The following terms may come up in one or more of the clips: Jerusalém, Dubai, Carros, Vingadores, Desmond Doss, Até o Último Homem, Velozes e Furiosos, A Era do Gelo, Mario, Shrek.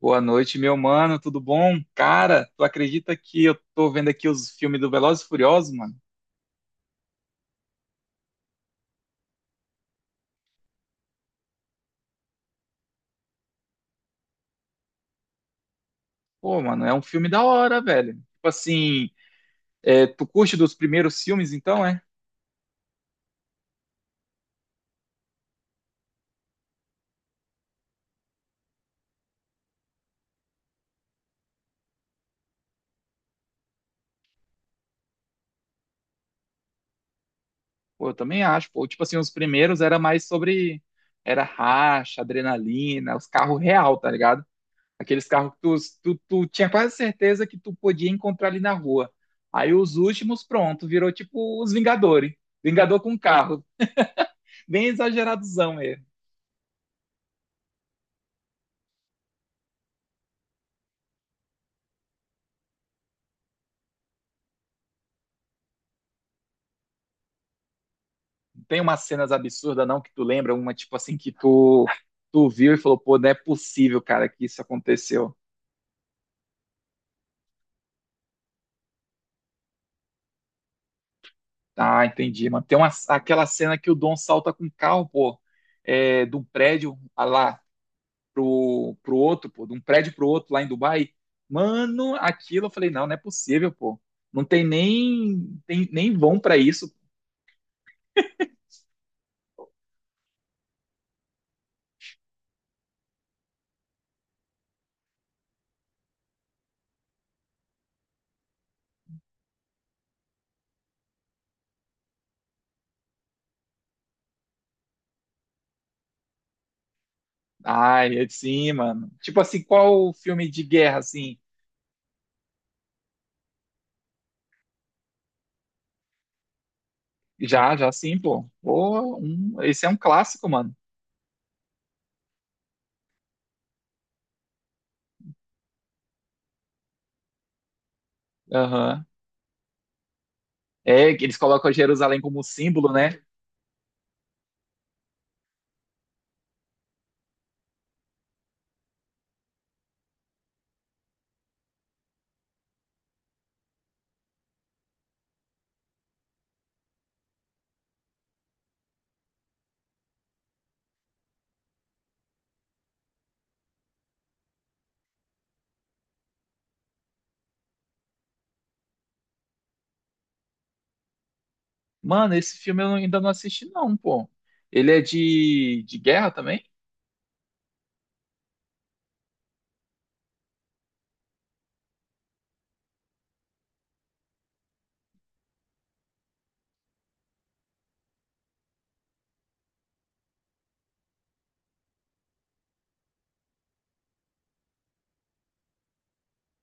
Boa noite, meu mano, tudo bom? Cara, tu acredita que eu tô vendo aqui os filmes do Velozes e Furiosos, mano? Pô, mano, é um filme da hora, velho. Tipo assim, é, tu curte dos primeiros filmes, então, é? Pô, eu também acho, pô. Tipo assim, os primeiros era mais sobre... Era racha, adrenalina, os carros real, tá ligado? Aqueles carros que tu tinha quase certeza que tu podia encontrar ali na rua. Aí os últimos, pronto, virou tipo os Vingadores. Vingador com carro. Bem exageradozão mesmo. Tem umas cenas absurdas, não, que tu lembra? Uma, tipo assim, que tu viu e falou, pô, não é possível, cara, que isso aconteceu. Ah, entendi, mano. Tem uma, aquela cena que o Dom salta com o carro, pô, é, de um prédio ah lá pro outro, pô, de um prédio pro outro lá em Dubai. Mano, aquilo eu falei, não, não é possível, pô. Não tem nem, tem, nem vão pra isso. Ai, é sim, mano. Tipo assim, qual filme de guerra, assim? Já, já sim, pô. Pô, esse é um clássico, mano. Aham. É, que eles colocam Jerusalém como símbolo, né? Mano, esse filme eu ainda não assisti, não, pô. Ele é de guerra também?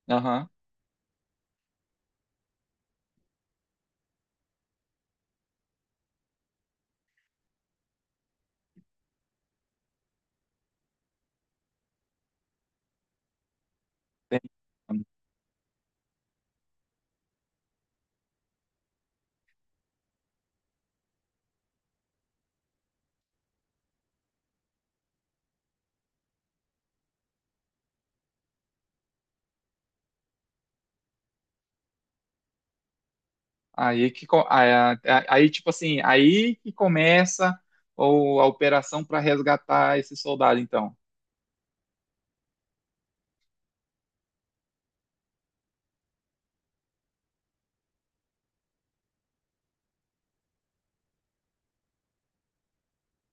Aham. Tem. Aí que co- aí, a- aí, tipo assim, aí que começa a operação para resgatar esse soldado, então.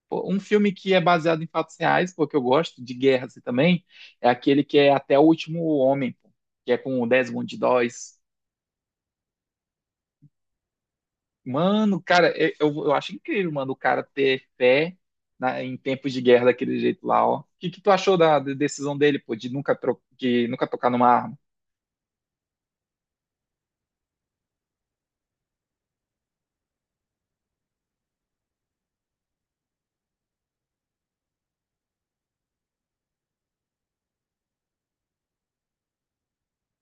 Pô, um filme que é baseado em fatos reais, porque eu gosto de guerra assim, também, é aquele que é Até o Último Homem, pô, que é com o Desmond Doss. Mano, cara, eu acho incrível, mano, o cara ter fé em tempos de guerra daquele jeito lá, ó. O que, que tu achou da, da decisão dele, pô, de nunca, de nunca tocar numa arma?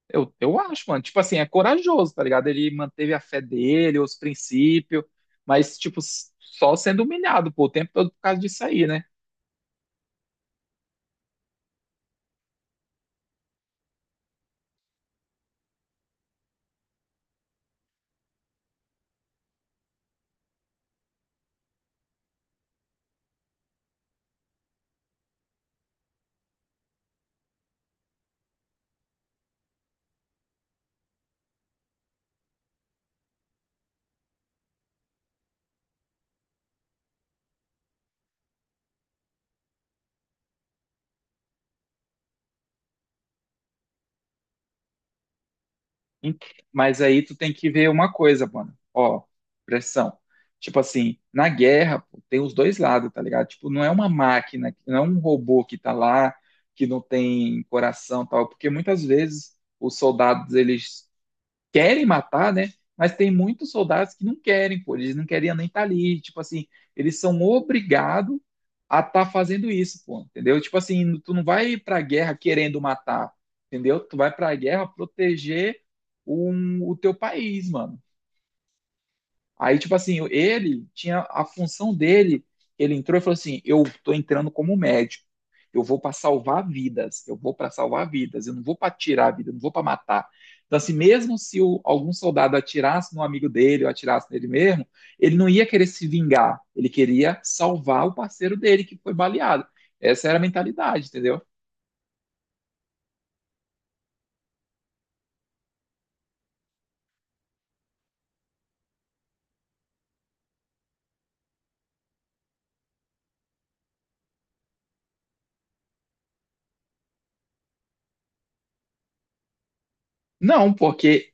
Eu acho, mano, tipo assim, é corajoso, tá ligado? Ele manteve a fé dele, os princípios, mas, tipo, só sendo humilhado, pô, o tempo todo por causa disso aí, né? Ent- Mas aí tu tem que ver uma coisa, mano. Ó, pressão. Tipo assim, na guerra, pô, tem os dois lados, tá ligado? Tipo, não é uma máquina, não é um robô que tá lá, que não tem coração, e tal, porque muitas vezes os soldados, eles querem matar, né? Mas tem muitos soldados que não querem, pô, eles não queriam nem estar ali. Tipo assim, eles são obrigados a estar fazendo isso, pô, entendeu? Tipo assim, tu não vai pra guerra querendo matar, entendeu? Tu vai pra guerra proteger um, o teu país, mano. Aí, tipo assim, ele tinha a função dele. Ele entrou e falou assim: eu tô entrando como médico. Eu vou para salvar vidas. Eu vou para salvar vidas. Eu não vou para tirar a vida. Eu não vou para matar. Então, assim, mesmo se algum soldado atirasse no amigo dele ou atirasse nele mesmo, ele não ia querer se vingar. Ele queria salvar o parceiro dele que foi baleado. Essa era a mentalidade, entendeu? Não, porque,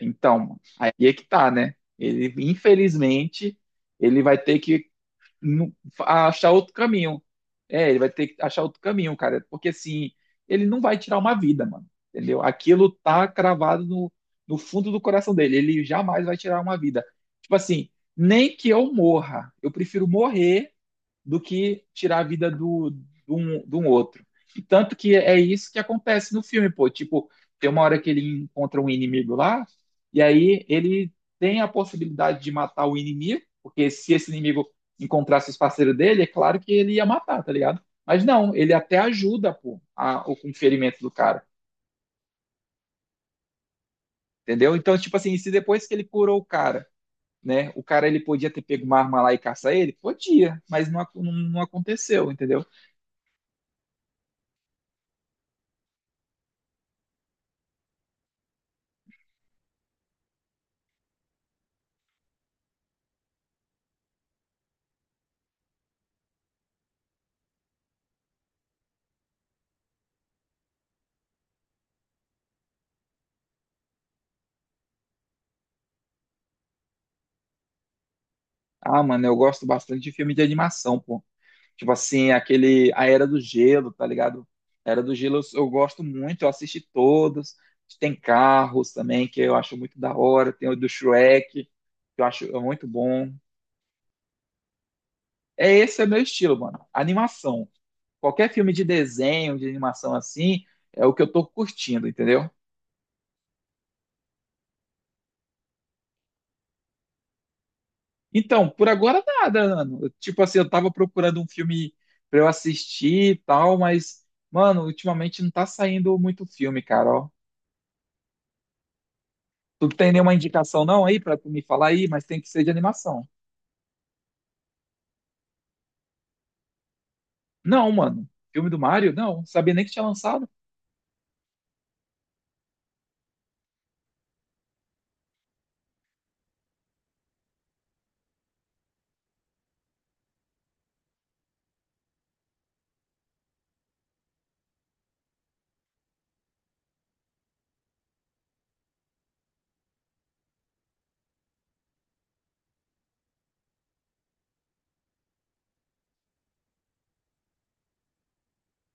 então, aí é que tá, né? Ele, infelizmente, ele vai ter que não- a achar outro caminho. É, ele vai ter que achar outro caminho, cara, porque assim, ele não vai tirar uma vida, mano, entendeu? Aquilo tá cravado no, no fundo do coração dele, ele jamais vai tirar uma vida. Tipo assim, nem que eu morra, eu prefiro morrer do que tirar a vida do, do um outro. E tanto que é isso que acontece no filme, pô. Tipo, tem uma hora que ele encontra um inimigo lá, e aí ele tem a possibilidade de matar o inimigo, porque se esse inimigo encontrasse os parceiros dele, é claro que ele ia matar, tá ligado? Mas não, ele até ajuda, pô, a, o, ferimento do cara, entendeu? Então, tipo assim, se depois que ele curou o cara, né, o cara ele podia ter pego uma arma lá e caçar ele? Podia, mas não, não, não aconteceu, entendeu? Ah, mano, eu gosto bastante de filme de animação, pô. Tipo assim, aquele A Era do Gelo, tá ligado? A Era do Gelo eu gosto muito, eu assisti todos. Tem Carros também, que eu acho muito da hora. Tem o do Shrek, que eu acho é muito bom. É esse é o meu estilo, mano. Animação. Qualquer filme de desenho, de animação assim, é o que eu tô curtindo, entendeu? Então, por agora nada, mano. Tipo assim, eu tava procurando um filme pra eu assistir e tal, mas, mano, ultimamente não tá saindo muito filme, cara, ó. Tu tem nenhuma indicação não aí pra tu me falar aí, mas tem que ser de animação. Não, mano. Filme do Mario? Não, sabia nem que tinha lançado.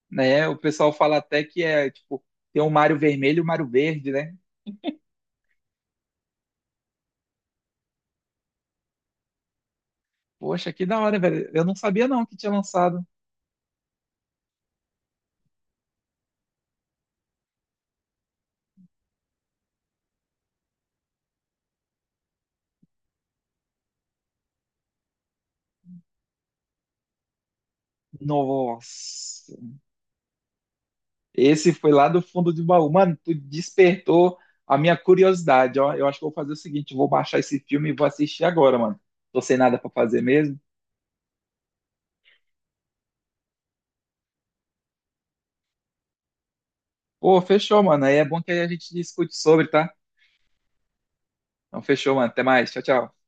Né? O pessoal fala até que é, tipo, tem o Mario vermelho e o Mario verde, né? Poxa, que da hora, velho. Eu não sabia não que tinha lançado. Nossa. Esse foi lá do fundo de baú. Mano, tu despertou a minha curiosidade. Ó, eu acho que eu vou fazer o seguinte: vou baixar esse filme e vou assistir agora, mano. Tô sem nada pra fazer mesmo. Pô, fechou, mano. Aí é bom que aí a gente discute sobre, tá? Então, fechou, mano. Até mais. Tchau, tchau.